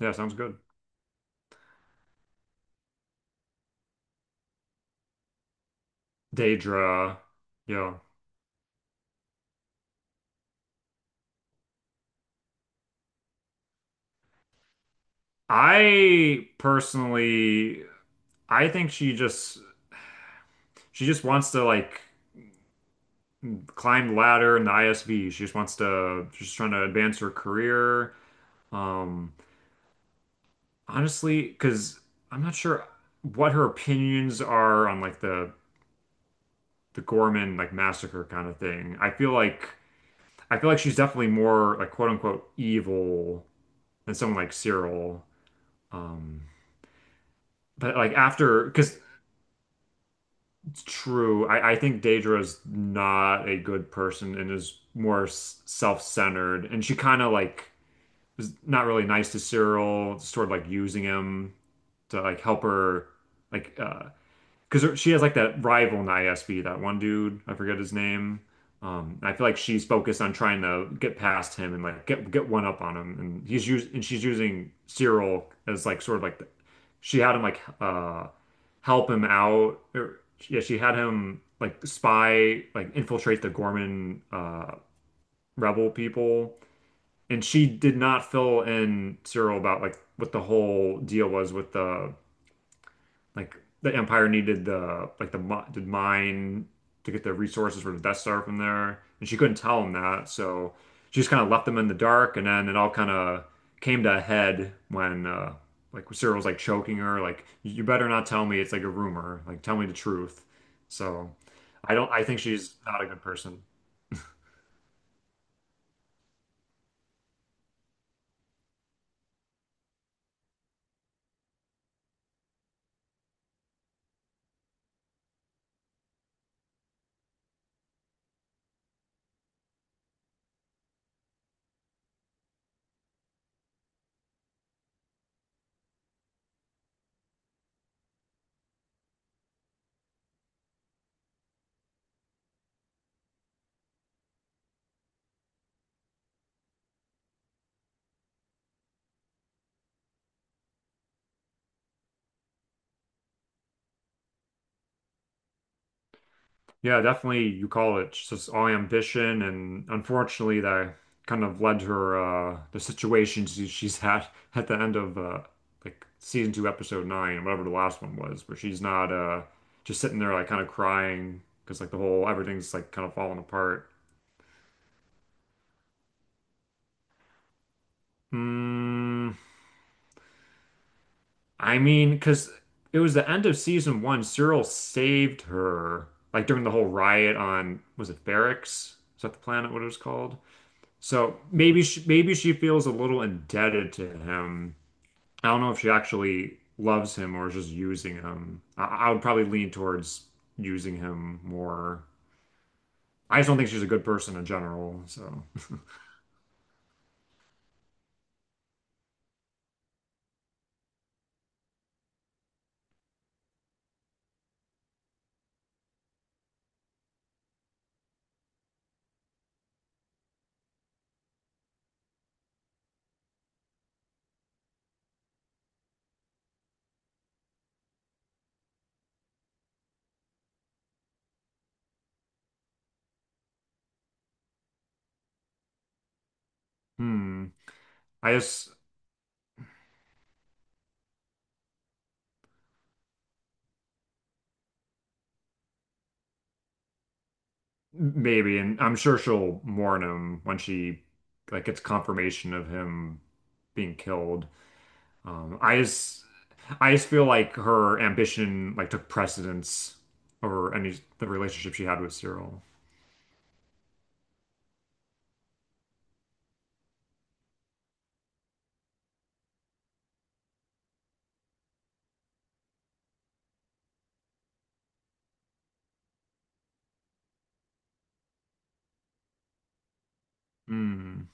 Yeah, sounds good. Daedra. Yeah. I personally I think she just wants to like climb the ladder in the ISB. She's trying to advance her career. Um Honestly, because I'm not sure what her opinions are on like the Gorman like massacre kind of thing. I feel like she's definitely more like quote unquote evil than someone like Cyril. Um but like after because. It's true. I think Daedra's not a good person and is more self-centered. And she kind of like is not really nice to Cyril, sort of like using him to like help her like because she has like that rival in ISB, that one dude, I forget his name. I feel like she's focused on trying to get past him and like get one up on him, and he's using and she's using Cyril as like sort of like the, she had him like help him out, or yeah, she had him like spy like infiltrate the Gorman rebel people, and she did not fill in Cyril about like what the whole deal was with the like the Empire needed the like the mine to get the resources for the Death Star from there, and she couldn't tell him that, so she just kind of left them in the dark. And then it all kind of came to a head when like Cyril's like choking her, like you better not tell me it's like a rumor, like tell me the truth. So I think she's not a good person. Yeah, definitely you call it. She's just all ambition, and unfortunately, that kind of led her the situation she's had at the end of like season two, episode nine, whatever the last one was, where she's not just sitting there like kind of crying because like the whole everything's like kind of falling apart. Mm, I mean, because it was the end of season one. Cyril saved her like during the whole riot on was it Barracks? Is that the planet? What it was called? So maybe she feels a little indebted to him. I don't know if she actually loves him or is just using him. I would probably lean towards using him more. I just don't think she's a good person in general. So, hmm. I just Maybe, and I'm sure she'll mourn him when she like gets confirmation of him being killed. Um, I just I just feel like her ambition like took precedence over any the relationship she had with Cyril. Mm,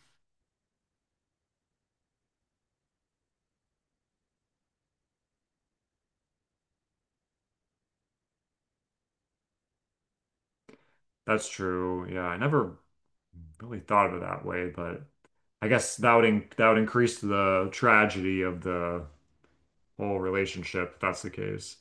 that's true. Yeah, I never really thought of it that way, but I guess that would in that would increase the tragedy of the whole relationship if that's the case.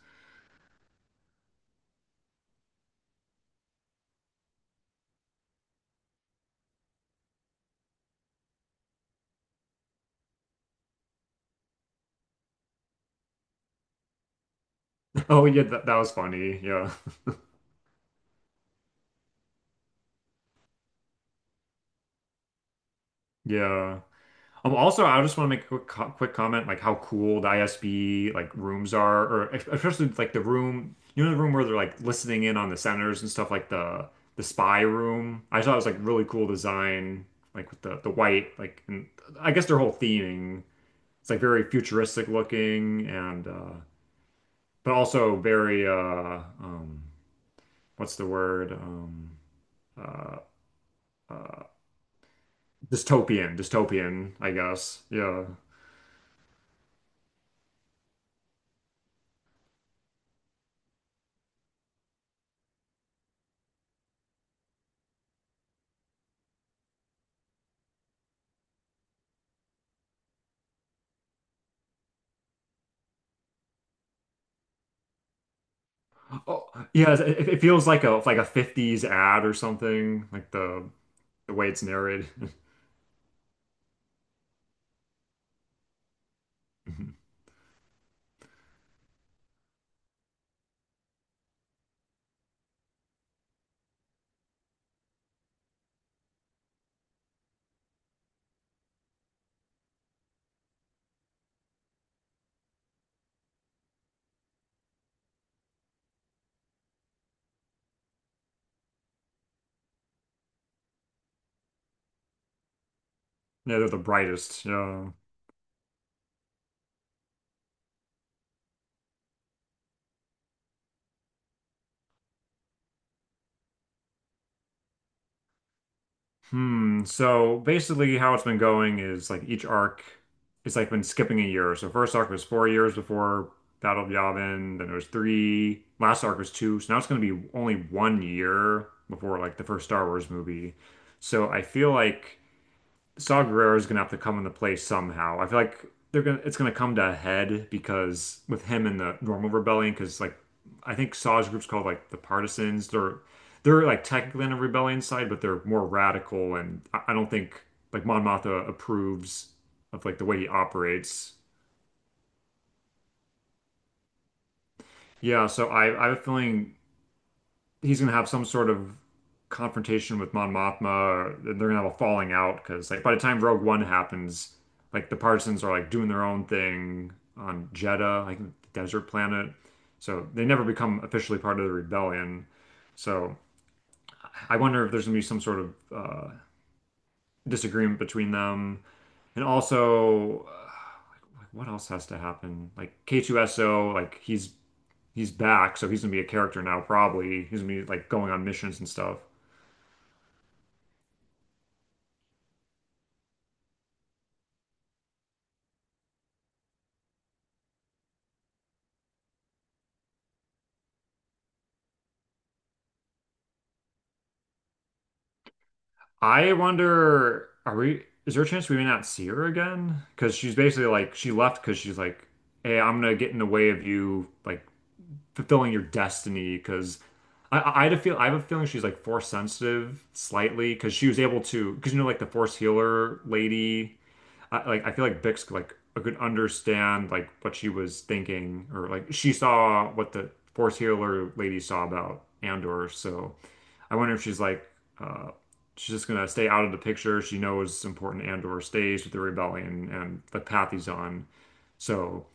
Oh yeah, that was funny. Yeah, yeah. Also, I just want to make a quick comment, like how cool the ISB like rooms are, or especially like the room. You know the room where they're like listening in on the senators and stuff, like the spy room. I thought it was like really cool design, like with the white, like, and I guess their whole theming. It's like very futuristic looking and but also very what's the word? Uh Dystopian, dystopian, I guess. Yeah. Oh, yeah, it feels like a 50s ad or something, like the way it's narrated. Yeah, they're the brightest. Yeah. Hmm. So basically, how it's been going is like each arc, it's like been skipping a year. So first arc was 4 years before Battle of Yavin. Then it was three. Last arc was two. So now it's going to be only 1 year before like the first Star Wars movie. So I feel like Saw Guerrero is gonna have to come into play somehow. I feel like they're gonna it's gonna come to a head because with him and the normal rebellion, because like I think Saw's group's called like the Partisans. They're like technically on a rebellion side, but they're more radical, and I don't think like Mon Mothma approves of like the way he operates. Yeah, so I have a feeling he's gonna have some sort of confrontation with Mon Mothma, or they're gonna have a falling out because like by the time Rogue One happens, like the Partisans are like doing their own thing on Jedha, like the desert planet. So they never become officially part of the rebellion. So I wonder if there's gonna be some sort of disagreement between them, and also what else has to happen? Like K2SO, like he's back, so he's gonna be a character now. Probably he's gonna be like going on missions and stuff. I wonder, is there a chance we may not see her again? Because she's basically like, she left because she's like, hey, I'm gonna get in the way of you, like, fulfilling your destiny. Because I had a I have a feeling she's like force sensitive slightly because she was able to, because you know, like the force healer lady, I, like, I feel like Bix could, like, could understand, like, what she was thinking, or like, she saw what the force healer lady saw about Andor. So, I wonder if she's like uh, she's just gonna stay out of the picture. She knows it's important Andor stays with the rebellion and the path he's on. So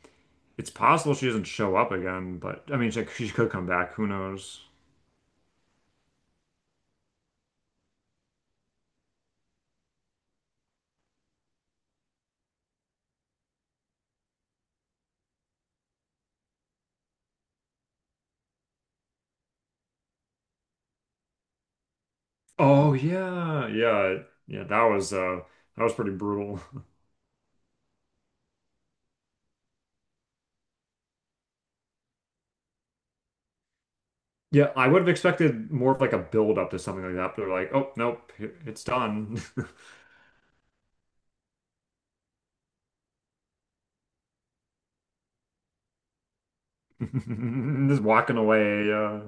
it's possible she doesn't show up again, but I mean, she could come back. Who knows? Oh yeah, yeah, yeah. That was pretty brutal. Yeah, I would have expected more of like a build up to something like that, but they're like, oh nope, it's done. Just walking away.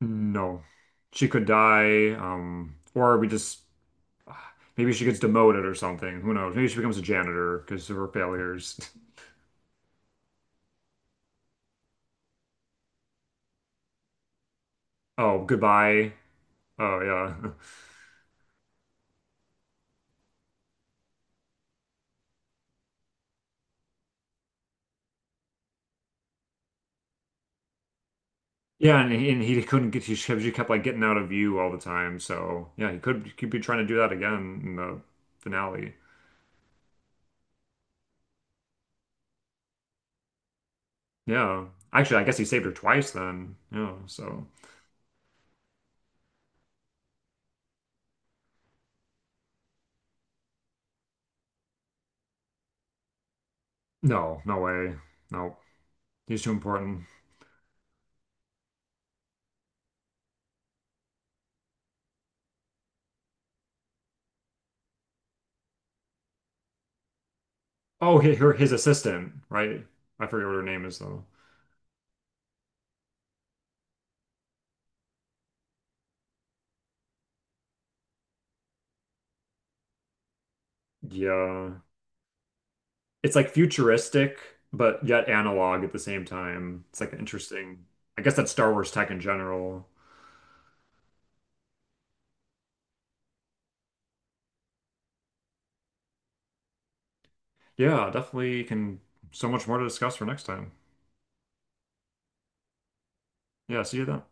No, she could die, or we just maybe she gets demoted or something. Who knows? Maybe she becomes a janitor because of her failures. Oh, goodbye. Oh, yeah. Yeah, and he couldn't he kept like getting out of view all the time. So, yeah, he could be trying to do that again in the finale. Yeah. Actually, I guess he saved her twice then. Yeah, so. No, no way. No, he's too important. Oh, his assistant, right? I forget what her name is though. Yeah, it's like futuristic, but yet analog at the same time. It's like an interesting, I guess that's Star Wars tech in general. Yeah, definitely can so much more to discuss for next time. Yeah, see you then.